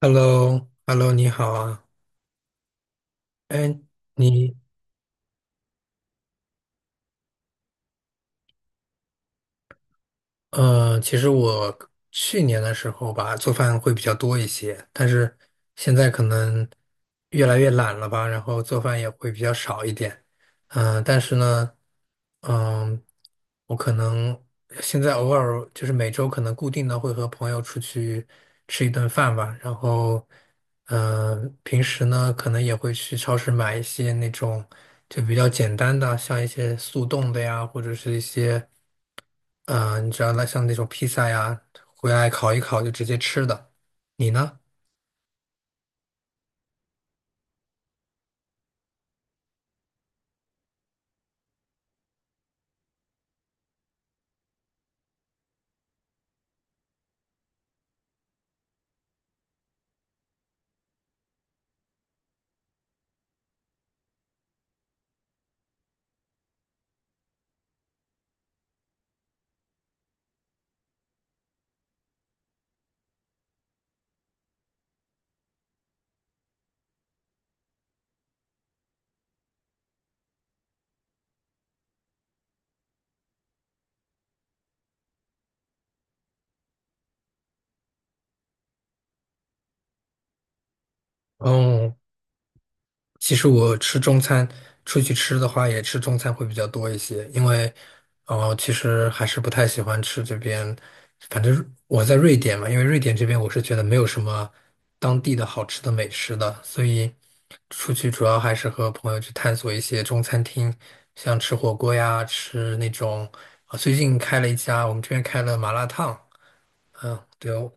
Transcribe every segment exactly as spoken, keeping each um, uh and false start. h e l l o h e l l o 你好啊，哎，你，呃，其实我去年的时候吧，做饭会比较多一些，但是现在可能越来越懒了吧，然后做饭也会比较少一点。嗯、但是呢，嗯、我可能现在偶尔就是每周可能固定的会和朋友出去吃一顿饭吧，然后，嗯、平时呢可能也会去超市买一些那种就比较简单的，像一些速冻的呀，或者是一些。嗯、呃你知道那像那种披萨呀，回来烤一烤就直接吃的。你呢？嗯哦，其实我吃中餐，出去吃的话也吃中餐会比较多一些，因为，呃，其实还是不太喜欢吃这边，反正我在瑞典嘛，因为瑞典这边我是觉得没有什么当地的好吃的美食的，所以出去主要还是和朋友去探索一些中餐厅，像吃火锅呀，吃那种，啊，最近开了一家，我们这边开了麻辣烫，嗯，对哦。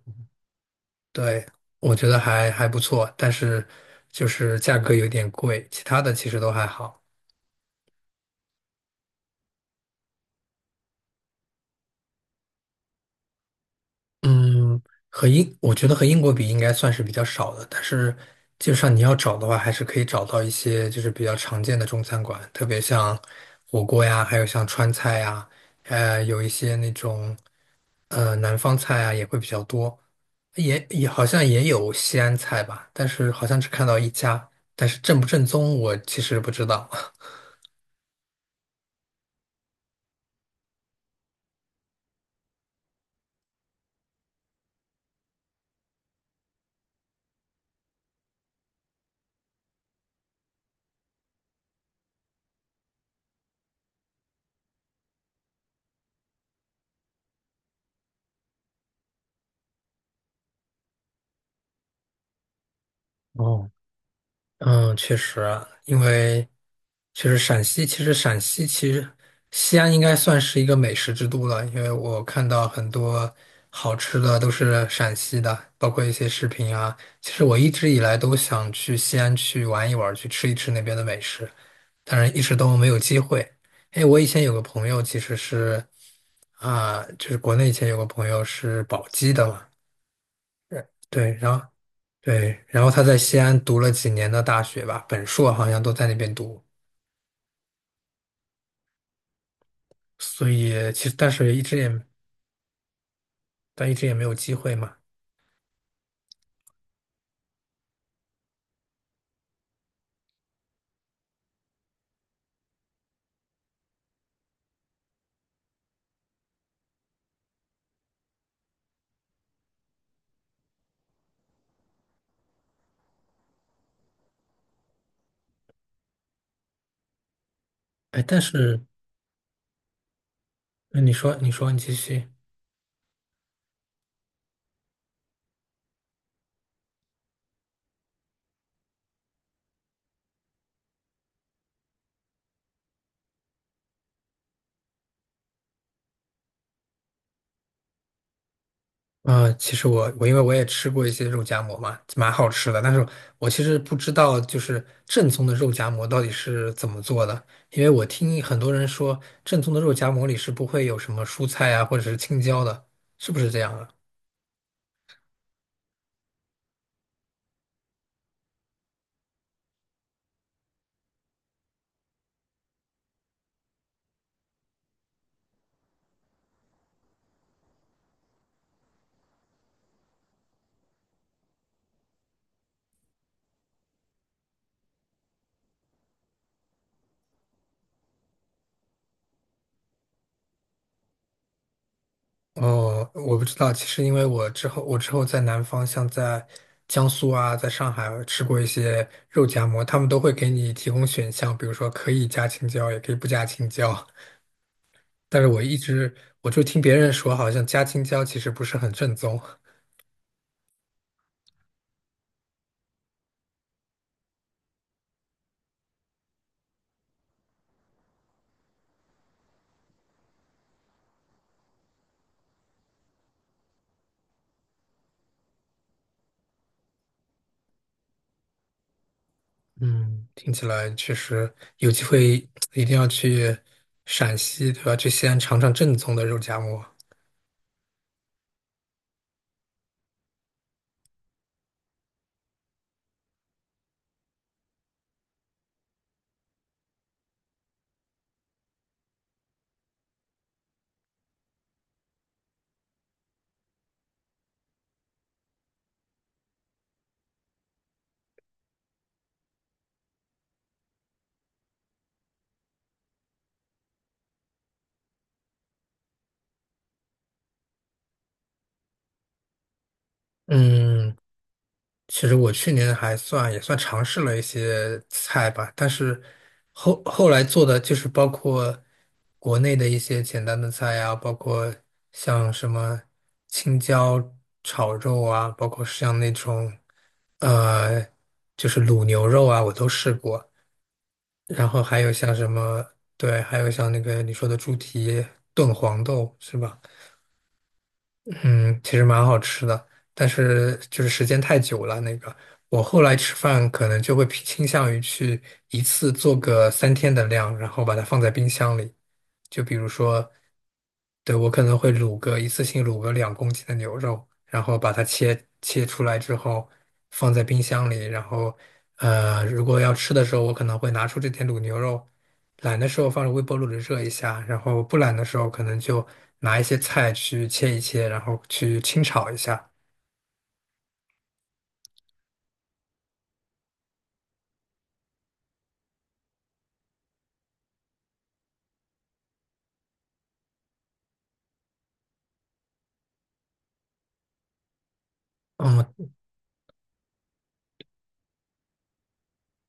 对，我觉得还还不错，但是就是价格有点贵，其他的其实都还好。嗯，和英，我觉得和英国比应该算是比较少的，但是基本上你要找的话，还是可以找到一些就是比较常见的中餐馆，特别像火锅呀，还有像川菜呀，呃，有一些那种呃南方菜啊也会比较多，也也好像也有西安菜吧，但是好像只看到一家，但是正不正宗我其实不知道。哦。嗯，确实啊因为确实陕西，其实陕西其实西安应该算是一个美食之都了，因为我看到很多好吃的都是陕西的，包括一些视频啊。其实我一直以来都想去西安去玩一玩，去吃一吃那边的美食，但是一直都没有机会。哎，我以前有个朋友其实是啊，就是国内以前有个朋友是宝鸡的嘛，呃对，然后对，然后他在西安读了几年的大学吧，本硕好像都在那边读，所以其实但是一直也但一直也没有机会嘛。哎，但是那你说你说你继续。啊，其实我我因为我也吃过一些肉夹馍嘛，蛮好吃的，但是我其实不知道就是正宗的肉夹馍到底是怎么做的，因为我听很多人说正宗的肉夹馍里是不会有什么蔬菜啊或者是青椒的，是不是这样啊？哦，我不知道。其实因为我之后，我之后在南方，像在江苏啊，在上海吃过一些肉夹馍，他们都会给你提供选项，比如说可以加青椒，也可以不加青椒。但是我一直我就听别人说，好像加青椒其实不是很正宗。嗯，听起来确实有机会一定要去陕西，对吧？去西安尝尝正宗的肉夹馍。嗯，其实我去年还算也算尝试了一些菜吧，但是后后来做的就是包括国内的一些简单的菜呀、包括像什么青椒炒肉啊，包括像那种呃就是卤牛肉啊，我都试过。然后还有像什么，对，还有像那个你说的猪蹄炖黄豆是吧？嗯，其实蛮好吃的，但是就是时间太久了。那个，我后来吃饭可能就会偏倾向于去一次做个三天的量，然后把它放在冰箱里。就比如说，对，我可能会卤个一次性卤个两公斤的牛肉，然后把它切切出来之后放在冰箱里，然后呃，如果要吃的时候，我可能会拿出这点卤牛肉，懒的时候放入微波炉里热一下，然后不懒的时候可能就拿一些菜去切一切，然后去清炒一下。嗯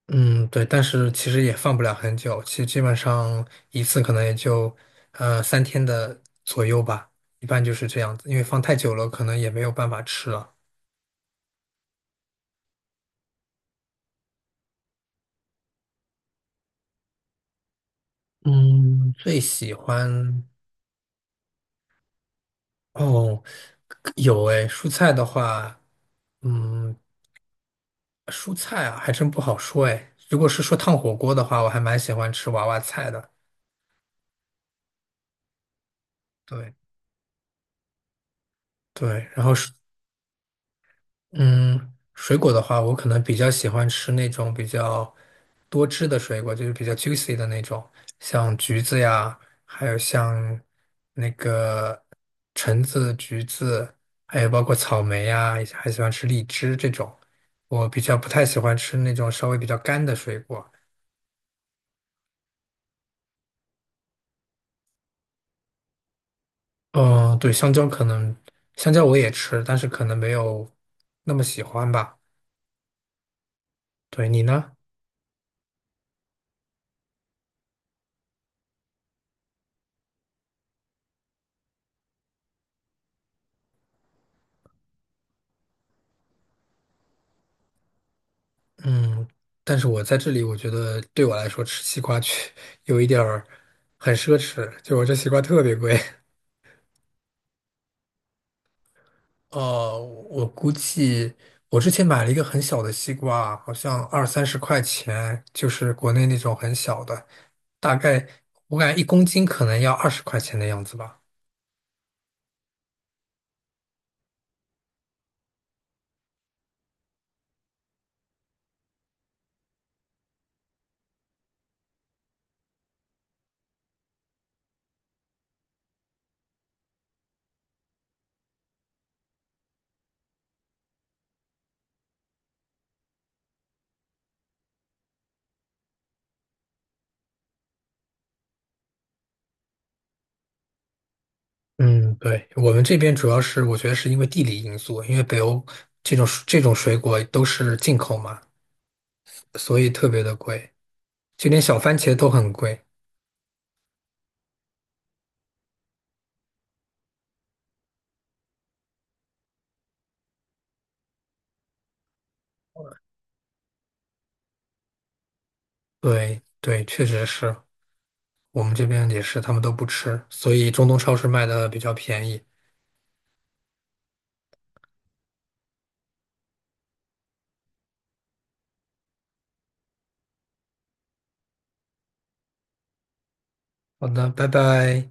嗯，对，但是其实也放不了很久，其实基本上一次可能也就呃三天的左右吧，一般就是这样子，因为放太久了可能也没有办法吃了。嗯，最喜欢哦，有诶，蔬菜的话，嗯，蔬菜啊，还真不好说哎。如果是说烫火锅的话，我还蛮喜欢吃娃娃菜的。对对，然后是嗯，水果的话，我可能比较喜欢吃那种比较多汁的水果，就是比较 juicy 的那种，像橘子呀，还有像那个橙子、橘子，还有包括草莓呀，还喜欢吃荔枝这种。我比较不太喜欢吃那种稍微比较干的水果。嗯，对，香蕉可能，香蕉我也吃，但是可能没有那么喜欢吧。对，你呢？嗯，但是我在这里，我觉得对我来说吃西瓜去有一点儿很奢侈，就我这西瓜特别贵。哦，我估计我之前买了一个很小的西瓜，好像二三十块钱，就是国内那种很小的，大概我感觉一公斤可能要二十块钱的样子吧。嗯，对，我们这边主要是我觉得是因为地理因素，因为北欧这种这种水果都是进口嘛，所以特别的贵，就连小番茄都很贵。对对，确实是我们这边也是，他们都不吃，所以中东超市卖的比较便宜。好的，拜拜。